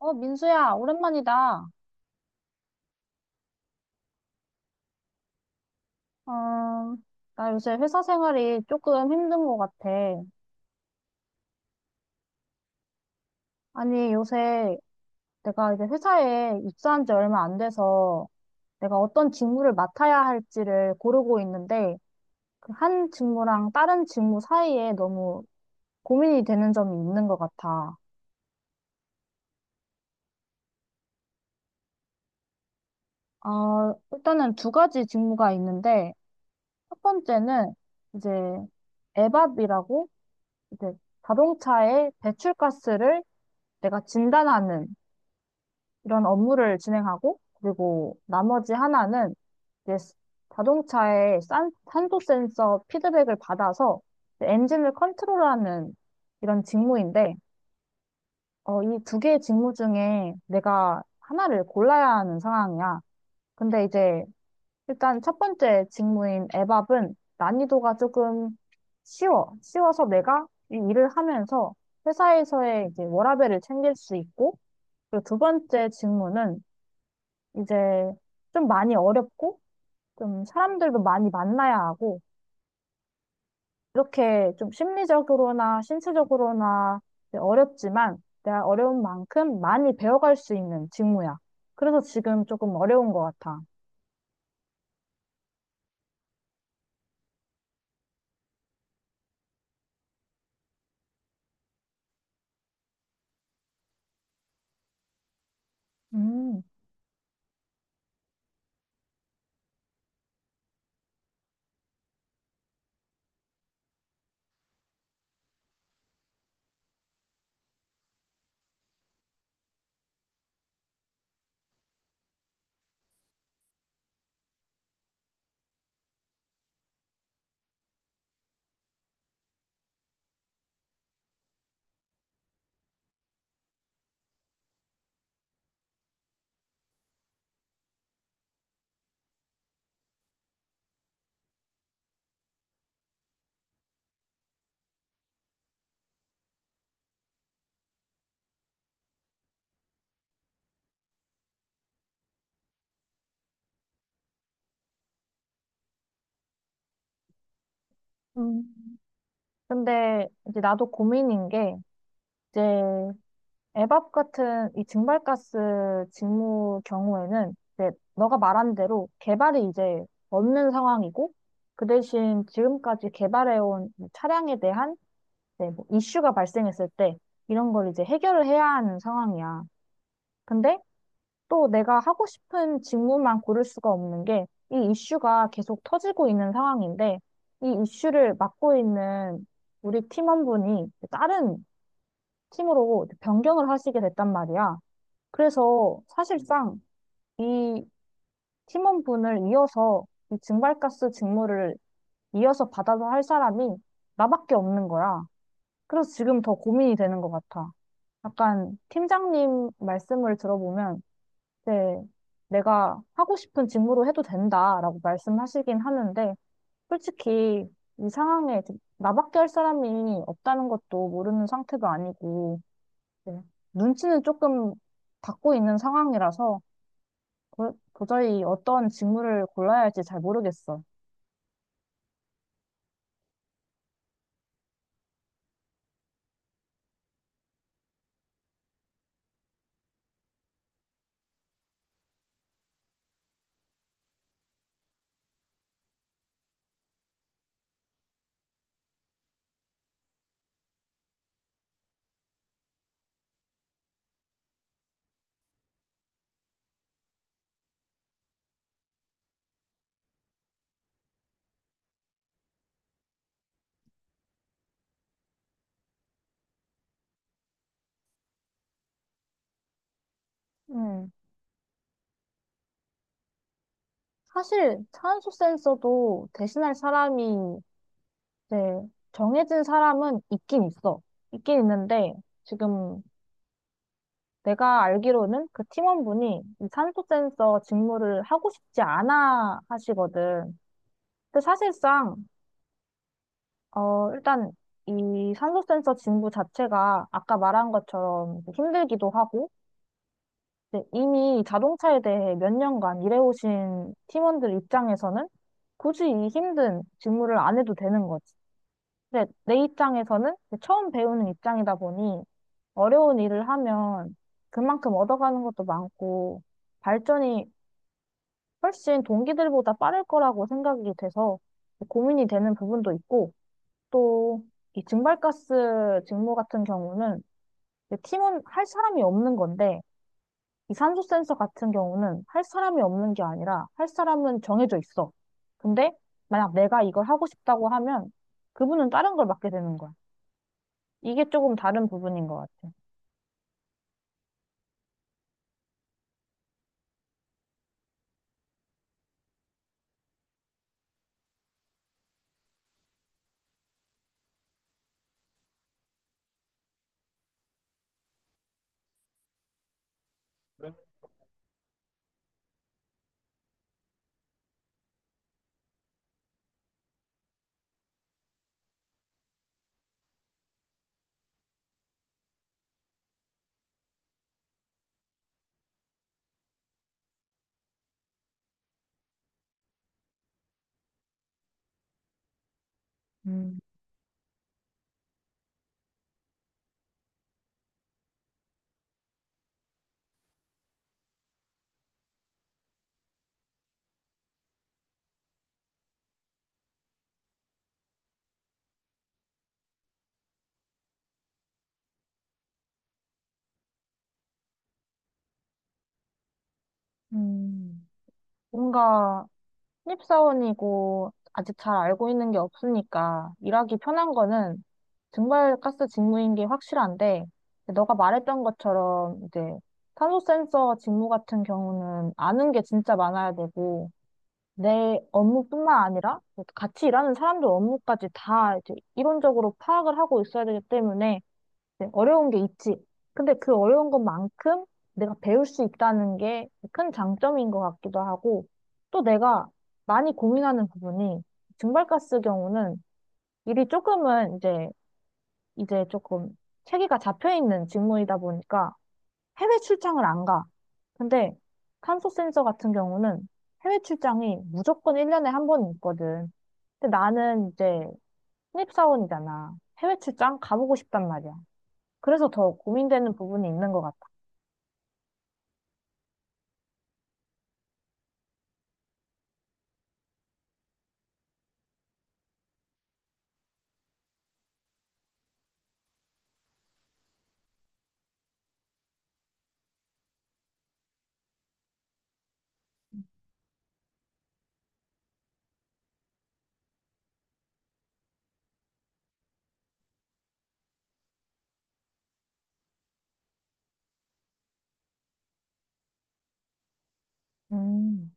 민수야, 오랜만이다. 어, 나 요새 회사 생활이 조금 힘든 것 같아. 아니, 요새 내가 이제 회사에 입사한 지 얼마 안 돼서 내가 어떤 직무를 맡아야 할지를 고르고 있는데 그한 직무랑 다른 직무 사이에 너무 고민이 되는 점이 있는 것 같아. 일단은 두 가지 직무가 있는데 첫 번째는 이제 에밥이라고 이제 자동차의 배출가스를 내가 진단하는 이런 업무를 진행하고, 그리고 나머지 하나는 이제 스- 자동차의 산소 센서 피드백을 받아서 이제 엔진을 컨트롤하는 이런 직무인데, 이 두 개의 직무 중에 내가 하나를 골라야 하는 상황이야. 근데 이제 일단 첫 번째 직무인 에밥은 난이도가 조금 쉬워. 쉬워서 내가 이 일을 하면서 회사에서의 이제 워라밸을 챙길 수 있고, 그리고 두 번째 직무는 이제 좀 많이 어렵고, 좀 사람들도 많이 만나야 하고, 이렇게 좀 심리적으로나 신체적으로나 이제 어렵지만, 내가 어려운 만큼 많이 배워갈 수 있는 직무야. 그래서 지금 조금 어려운 것 같아. 음. 음, 근데 이제 나도 고민인 게, 이제 에밥 같은 이 증발가스 직무 경우에는 이제 너가 말한 대로 개발이 이제 없는 상황이고 그 대신 지금까지 개발해온 차량에 대한 이제 뭐 이슈가 발생했을 때 이런 걸 이제 해결을 해야 하는 상황이야. 근데 또 내가 하고 싶은 직무만 고를 수가 없는 게 이 이슈가 계속 터지고 있는 상황인데 이 이슈를 맡고 있는 우리 팀원분이 다른 팀으로 변경을 하시게 됐단 말이야. 그래서 사실상 이 팀원분을 이어서 이 증발가스 직무를 이어서 받아서 할 사람이 나밖에 없는 거야. 그래서 지금 더 고민이 되는 것 같아. 약간 팀장님 말씀을 들어보면 이제 내가 하고 싶은 직무로 해도 된다라고 말씀하시긴 하는데 솔직히 이 상황에 나밖에 할 사람이 없다는 것도 모르는 상태도 아니고 네. 눈치는 조금 받고 있는 상황이라서 도저히 어떤 직무를 골라야 할지 잘 모르겠어. 음. 사실 탄소 센서도 대신할 사람이 이제 정해진 사람은 있긴 있어. 있긴 있는데 지금 내가 알기로는 그 팀원분이 이 탄소 센서 직무를 하고 싶지 않아 하시거든. 근데 사실상 일단 이 산소 센서 직무 자체가 아까 말한 것처럼 힘들기도 하고 네, 이미 자동차에 대해 몇 년간 일해오신 팀원들 입장에서는 굳이 이 힘든 직무를 안 해도 되는 거지. 근데 내 입장에서는 처음 배우는 입장이다 보니 어려운 일을 하면 그만큼 얻어가는 것도 많고 발전이 훨씬 동기들보다 빠를 거라고 생각이 돼서 고민이 되는 부분도 있고 또 이 증발가스 직무 같은 경우는 팀원 할 사람이 없는 건데 이 산소 센서 같은 경우는 할 사람이 없는 게 아니라 할 사람은 정해져 있어. 근데 만약 내가 이걸 하고 싶다고 하면 그분은 다른 걸 맡게 되는 거야. 이게 조금 다른 부분인 것 같아. 음, 음, 뭔가 신입사원이고 아직 잘 알고 있는 게 없으니까 일하기 편한 거는 증발가스 직무인 게 확실한데 너가 말했던 것처럼 이제 탄소 센서 직무 같은 경우는 아는 게 진짜 많아야 되고 내 업무뿐만 아니라 같이 일하는 사람들 업무까지 다 이제 이론적으로 파악을 하고 있어야 되기 때문에 이제 어려운 게 있지. 근데 그 어려운 것만큼 내가 배울 수 있다는 게 큰 장점인 것 같기도 하고 또 내가 많이 고민하는 부분이 증발가스 경우는 일이 조금은 이제 조금 체계가 잡혀 있는 직무이다 보니까 해외 출장을 안 가. 근데 탄소 센서 같은 경우는 해외 출장이 무조건 1년에 한 번 있거든. 근데 나는 이제 신입사원이잖아. 해외 출장 가보고 싶단 말이야. 그래서 더 고민되는 부분이 있는 것 같아. 음.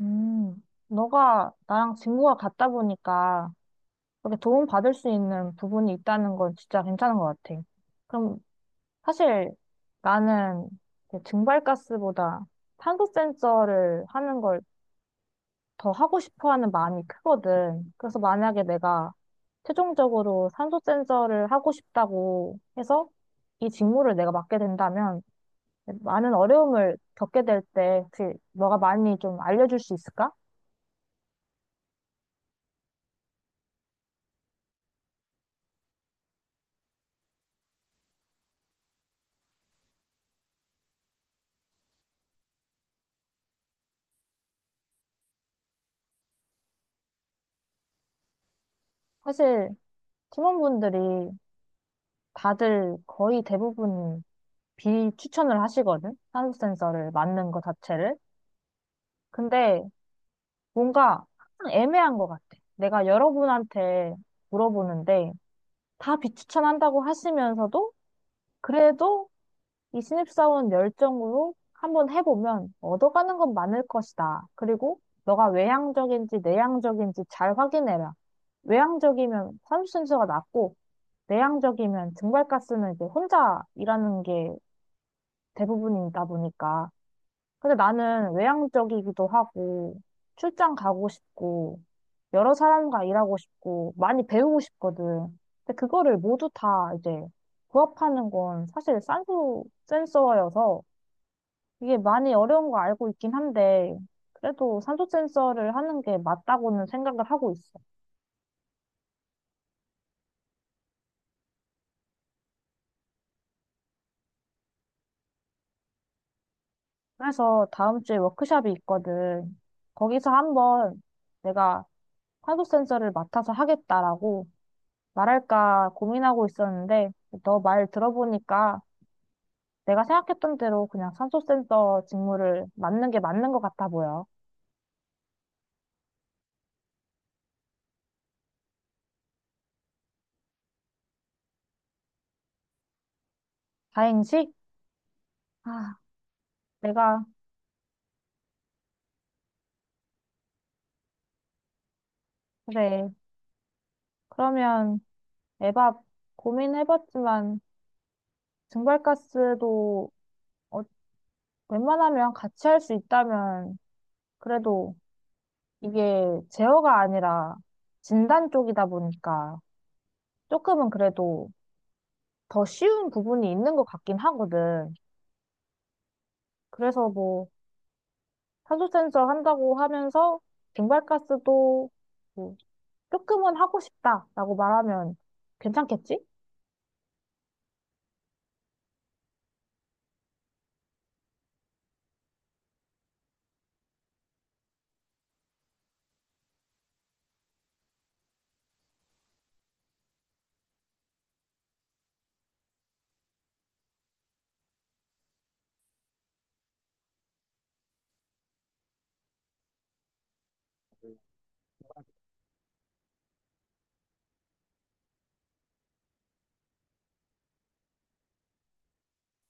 음. 너가 나랑 직무가 같다 보니까 그렇게 도움받을 수 있는 부분이 있다는 건 진짜 괜찮은 것 같아. 그럼 사실 나는 그 증발가스보다 탄소 센서를 하는 걸 더 하고 싶어 하는 마음이 크거든. 그래서 만약에 내가 최종적으로 산소 센서를 하고 싶다고 해서 이 직무를 내가 맡게 된다면 많은 어려움을 겪게 될 때 혹시 너가 많이 좀 알려줄 수 있을까? 사실 팀원분들이 다들 거의 대부분 비추천을 하시거든. 산소 센서를 맞는 것 자체를. 근데 뭔가 항상 애매한 것 같아. 내가 여러분한테 물어보는데 다 비추천한다고 하시면서도 그래도 이 신입사원 열정으로 한번 해보면 얻어가는 건 많을 것이다. 그리고 너가 외향적인지 내향적인지 잘 확인해라. 외향적이면 사수순서가 낮고, 내향적이면 증발가스는 이제 혼자 일하는 게 대부분이다 보니까 근데 나는 외향적이기도 하고, 출장 가고 싶고, 여러 사람과 일하고 싶고, 많이 배우고 싶거든. 근데 그거를 모두 다 이제 부합하는 건 사실 산소 센서여서 이게 많이 어려운 거 알고 있긴 한데, 그래도 산소 센서를 하는 게 맞다고는 생각을 하고 있어. 그래서 다음 주에 워크숍이 있거든. 거기서 한번 내가 산소 센서를 맡아서 하겠다라고 말할까 고민하고 있었는데, 너 말 들어보니까 내가 생각했던 대로 그냥 산소 센서 직무를 맡는 게 맞는 것 같아 보여. 다행이지? 아, 내가, 그래. 그러면 에밥 고민해봤지만, 증발가스도 어, 웬만하면 같이 할 수 있다면, 그래도 이게 제어가 아니라 진단 쪽이다 보니까 조금은 그래도 더 쉬운 부분이 있는 것 같긴 하거든. 그래서 뭐, 탄소 센서 한다고 하면서 증발가스도 뭐 조금은 하고 싶다라고 말하면 괜찮겠지?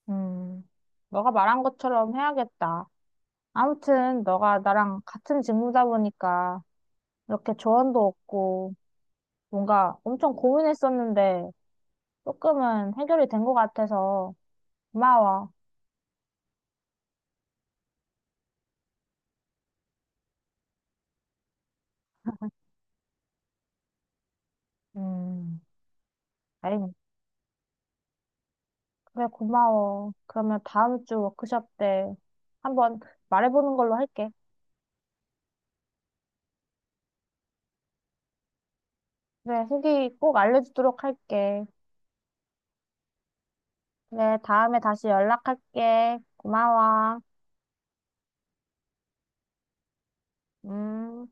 음, 너가 말한 것처럼 해야겠다. 아무튼 너가 나랑 같은 직무다 보니까 이렇게 조언도 얻고 뭔가 엄청 고민했었는데 조금은 해결이 된 것 같아서 고마워. 음, 아이, 그래 고마워. 그러면 다음 주 워크숍 때 한번 말해보는 걸로 할게. 그래, 후기 꼭 알려주도록 할게. 그래, 다음에 다시 연락할게. 고마워. 음.